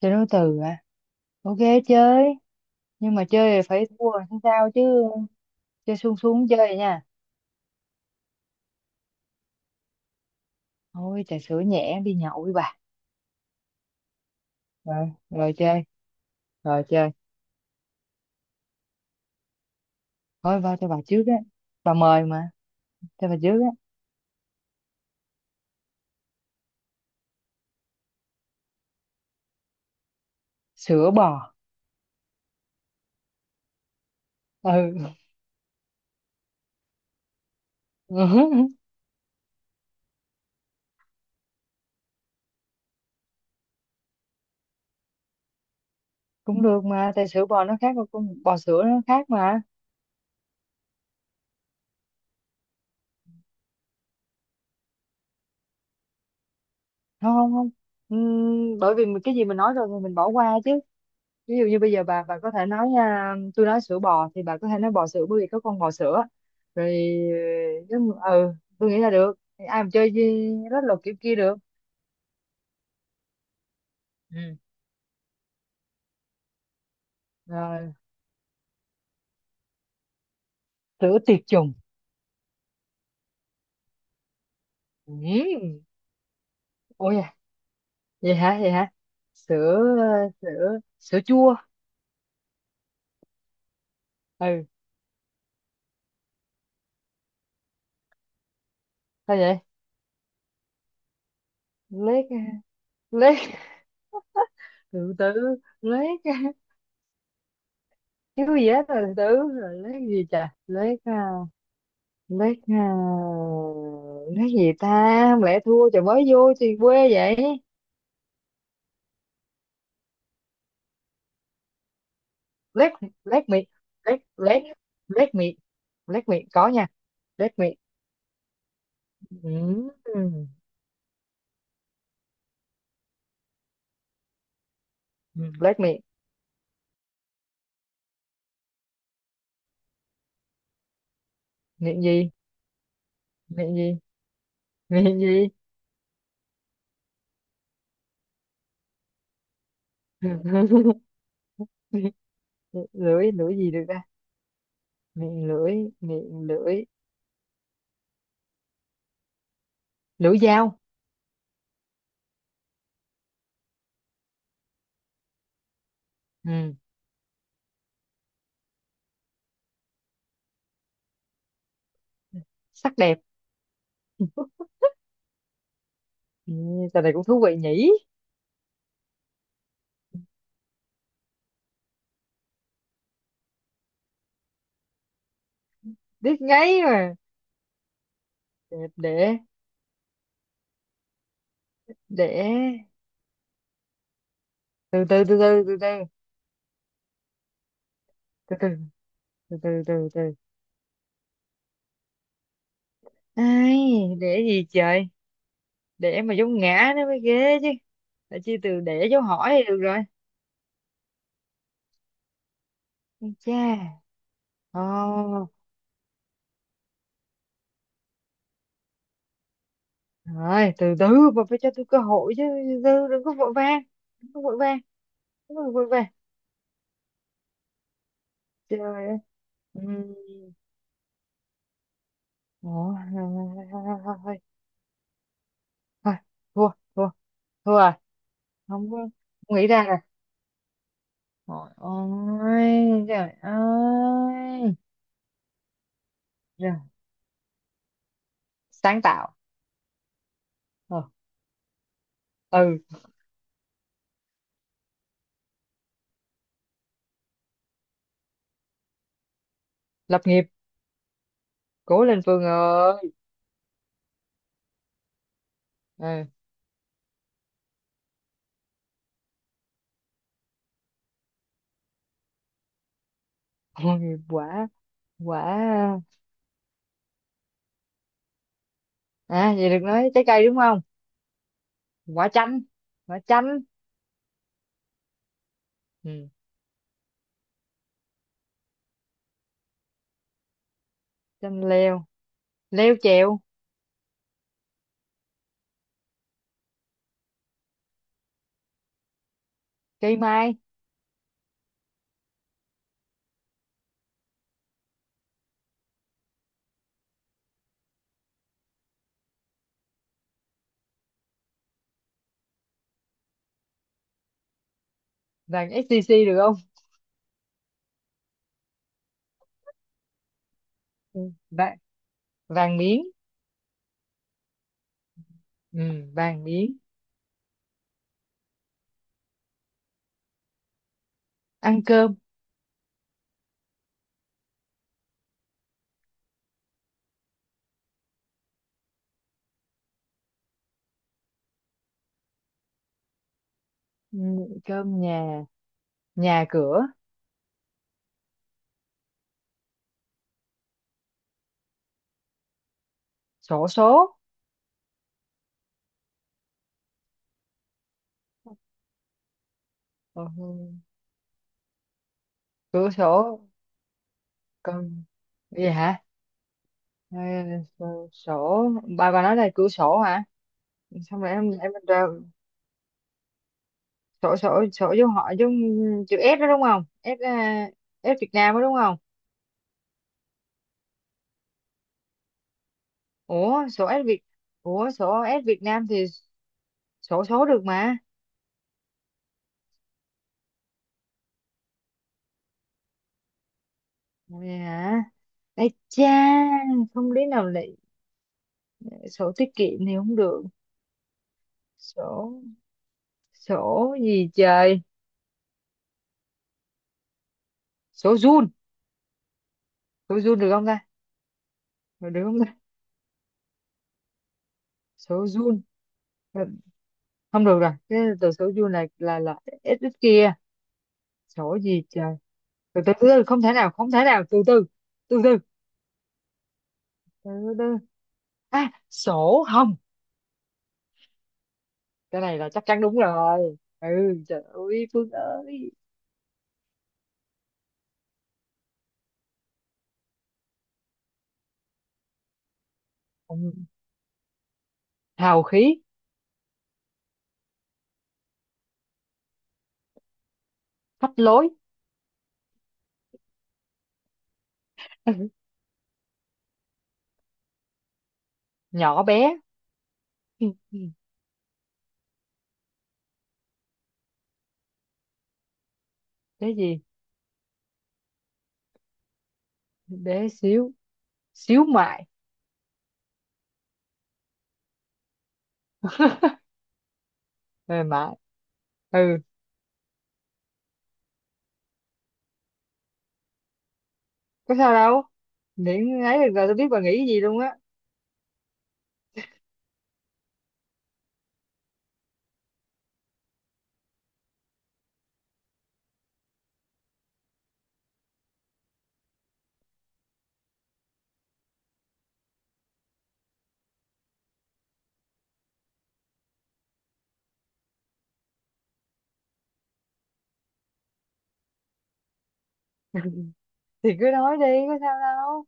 Chơi nối từ à? Ok, chơi. Nhưng mà chơi thì phải thua làm sao chứ? Chơi xuống xuống chơi nha. Thôi trà sữa nhẹ đi nhậu với bà. Rồi rồi chơi rồi chơi. Thôi vào cho bà trước á, bà mời mà, cho bà trước á. Sữa bò. Ừ. Cũng được mà, tại sữa bò nó khác, con bò sữa nó khác mà. Không không không. Bởi vì mình- cái gì mình nói rồi thì mình bỏ qua chứ. Ví dụ như bây giờ bà có thể nói à, tôi nói sữa bò thì bà có thể nói bò sữa, bởi vì có con bò sữa. Rồi. Nếu... ừ, tôi nghĩ là được. Ai mà chơi gì rất là kiểu kia được. Ừ. Rồi. Sữa tiệt trùng. Ừ. Ôi da, vậy hả vậy hả? Sữa, sữa chua. Ừ. Sao vậy? Lết. Lết. Từ từ. Lết. Cái gì hết rồi, từ từ. Rồi lết gì, chà, lết à, lát gì ta? Không lẽ thua, trời mới vô thì quê vậy. Lát. Lát mì. Lát lát. Lát mì. Lát mì có nha. Lát mì. Ừm, lát mì. Miệng gì? Miệng gì? Miệng gì? Lưỡi, lưỡi gì được ta? Miệng lưỡi. Miệng lưỡi. Lưỡi dao. Ừ. Sắc đẹp. Ừ. Trò này cũng thú vị nhỉ. Biết ngay mà. Đẹp để. Để. Từ từ từ từ từ. Từ từ từ. Từ từ từ từ. Ai, đẻ gì trời, đẻ mà dấu ngã nó mới ghê chứ. Tại chi từ đẻ dấu hỏi thì được rồi. Ây cha. Ồ, rồi, từ từ. Bà phải cho tôi cơ hội chứ, từ từ đừng có vội vàng, đừng có vội vàng, đừng có vội vàng. Trời ơi. Ừm. Ủa, thôi, thôi, thôi, thua, thua, thua à, không có. Không nghĩ ra rồi. Trời ơi, trời ơi. Rồi, sáng tạo. Ờ, ừ. Lập nghiệp, cố lên Phương ơi. Ừ. Ôi, quả. Quả. À, vậy được nói trái cây đúng không? Quả chanh. Quả chanh. Ừ. Chanh leo. Leo trèo. Cây mai. Vàng SCC được không? Ừ. Vàng. Vàng miếng. Ừ. Vàng miếng. Ăn cơm. Ừ. Cơm nhà. Nhà cửa. Sổ số. Ừ. Cửa sổ. Cơm. Vậy hả? Ờ, sổ sổ- bà nói là cửa sổ hả? Xong rồi em ra. Sổ sổ sổ vô họ giống chữ S đó đúng không? S à, S Việt Nam đó đúng không? Ủa sổ S Việt, ủa sổ S Việt Nam thì sổ số được mà. Vậy hả? Ây cha, không lý nào lại sổ tiết kiệm thì không được. Sổ, sổ gì trời? Sổ Jun. Sổ Jun được không ta? Được, được không ta? Sổ Jun. Ừ, không được rồi, cái từ sổ Jun là S ít kia. Sổ gì trời? Từ từ từ từ, không thể nào, không thể nào, từ từ. Từ từ. Từ từ. À, sổ hồng. Cái này là chắc chắn đúng rồi. Ừ, trời ơi, Phương ơi. Ừ, hào khí. Phách lối. Nhỏ bé. Ừ, ừ. Cái gì? Bé xíu, xíu mại. Mềm mại. Ừ, có sao đâu. Miễn ấy được rồi, tôi biết bà nghĩ cái gì luôn á. Thì cứ nói đi, có sao đâu.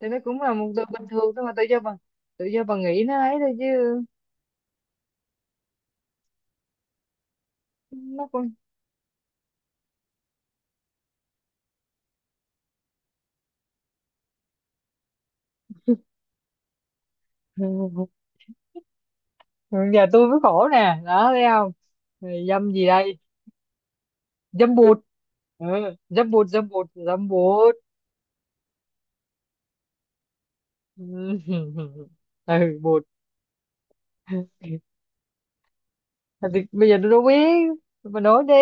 Thì nó cũng là một từ bình thường thôi mà, tự do bà nghĩ nó ấy thôi chứ. Nó cũng... Giờ tôi mới khổ nè, đó thấy không? Thì dâm gì đây? Dâm bụt. Ừ, dâm bụt, dâm bụt, dâm bụt. Ừ. Ừ, bụt. Thôi thì bây giờ tôi đâu biết, tôi mà nói đi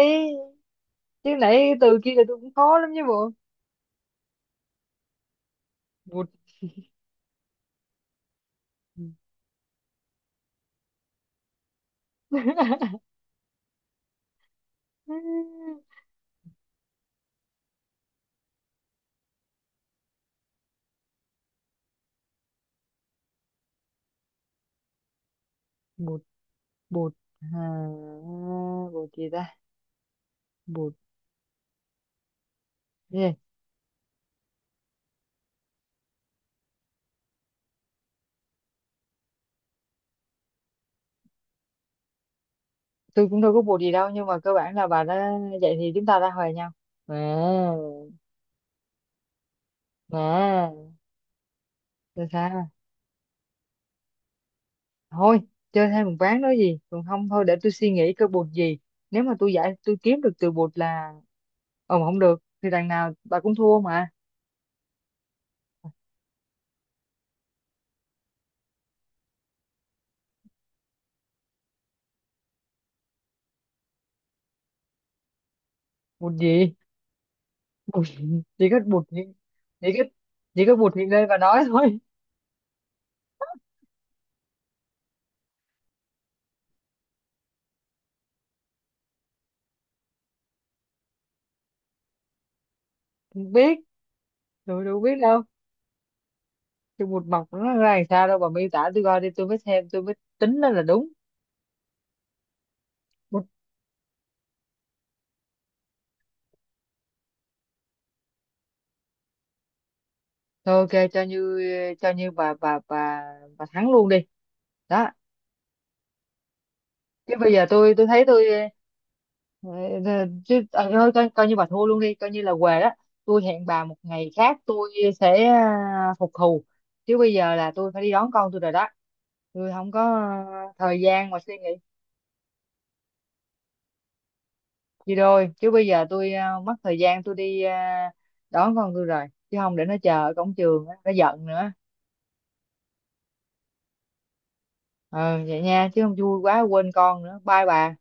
chứ nãy từ kia là tôi cũng khó lắm chứ bộ. Bụt. Ừ, bụt. Bụt à, bụt gì ta? Bụt gì? Tôi cũng đâu có bụt gì đâu, nhưng mà cơ bản là bà đã... vậy thì chúng ta đã hòa nhau. À. À sao? Thôi chơi thêm một ván, nói gì còn không, thôi để tôi suy nghĩ coi bụt gì. Nếu mà tôi giải, tôi kiếm được từ bụt là... ờ mà không được thì đằng nào bà cũng thua mà. Bụt gì? Bụt chỉ có bụt hiện-, chỉ có, chỉ có bụt hiện đây và nói thôi. Không biết, tôi đâu biết đâu. Cái bụt mọc nó ra làm sao, đâu bà miêu tả tôi coi đi, tôi mới xem, tôi mới tính đó là đúng. Bụt. Thôi ok, cho như, cho như bà bà thắng luôn đi. Đó. Chứ bây giờ tôi thấy tôi... ờ, ờ, chứ à, thôi coi, coi như bà thua luôn đi, coi như là què đó. Tôi hẹn bà một ngày khác, tôi sẽ à, phục thù. Chứ bây giờ là tôi phải đi đón con tôi rồi đó, tôi không có thời gian mà suy nghĩ gì rồi. Chứ bây giờ tôi mất thời gian, tôi đi đón con tôi rồi, chứ không để nó chờ ở cổng trường á, nó giận nữa. Ừ, vậy nha, chứ không vui quá quên con nữa. Bye bà.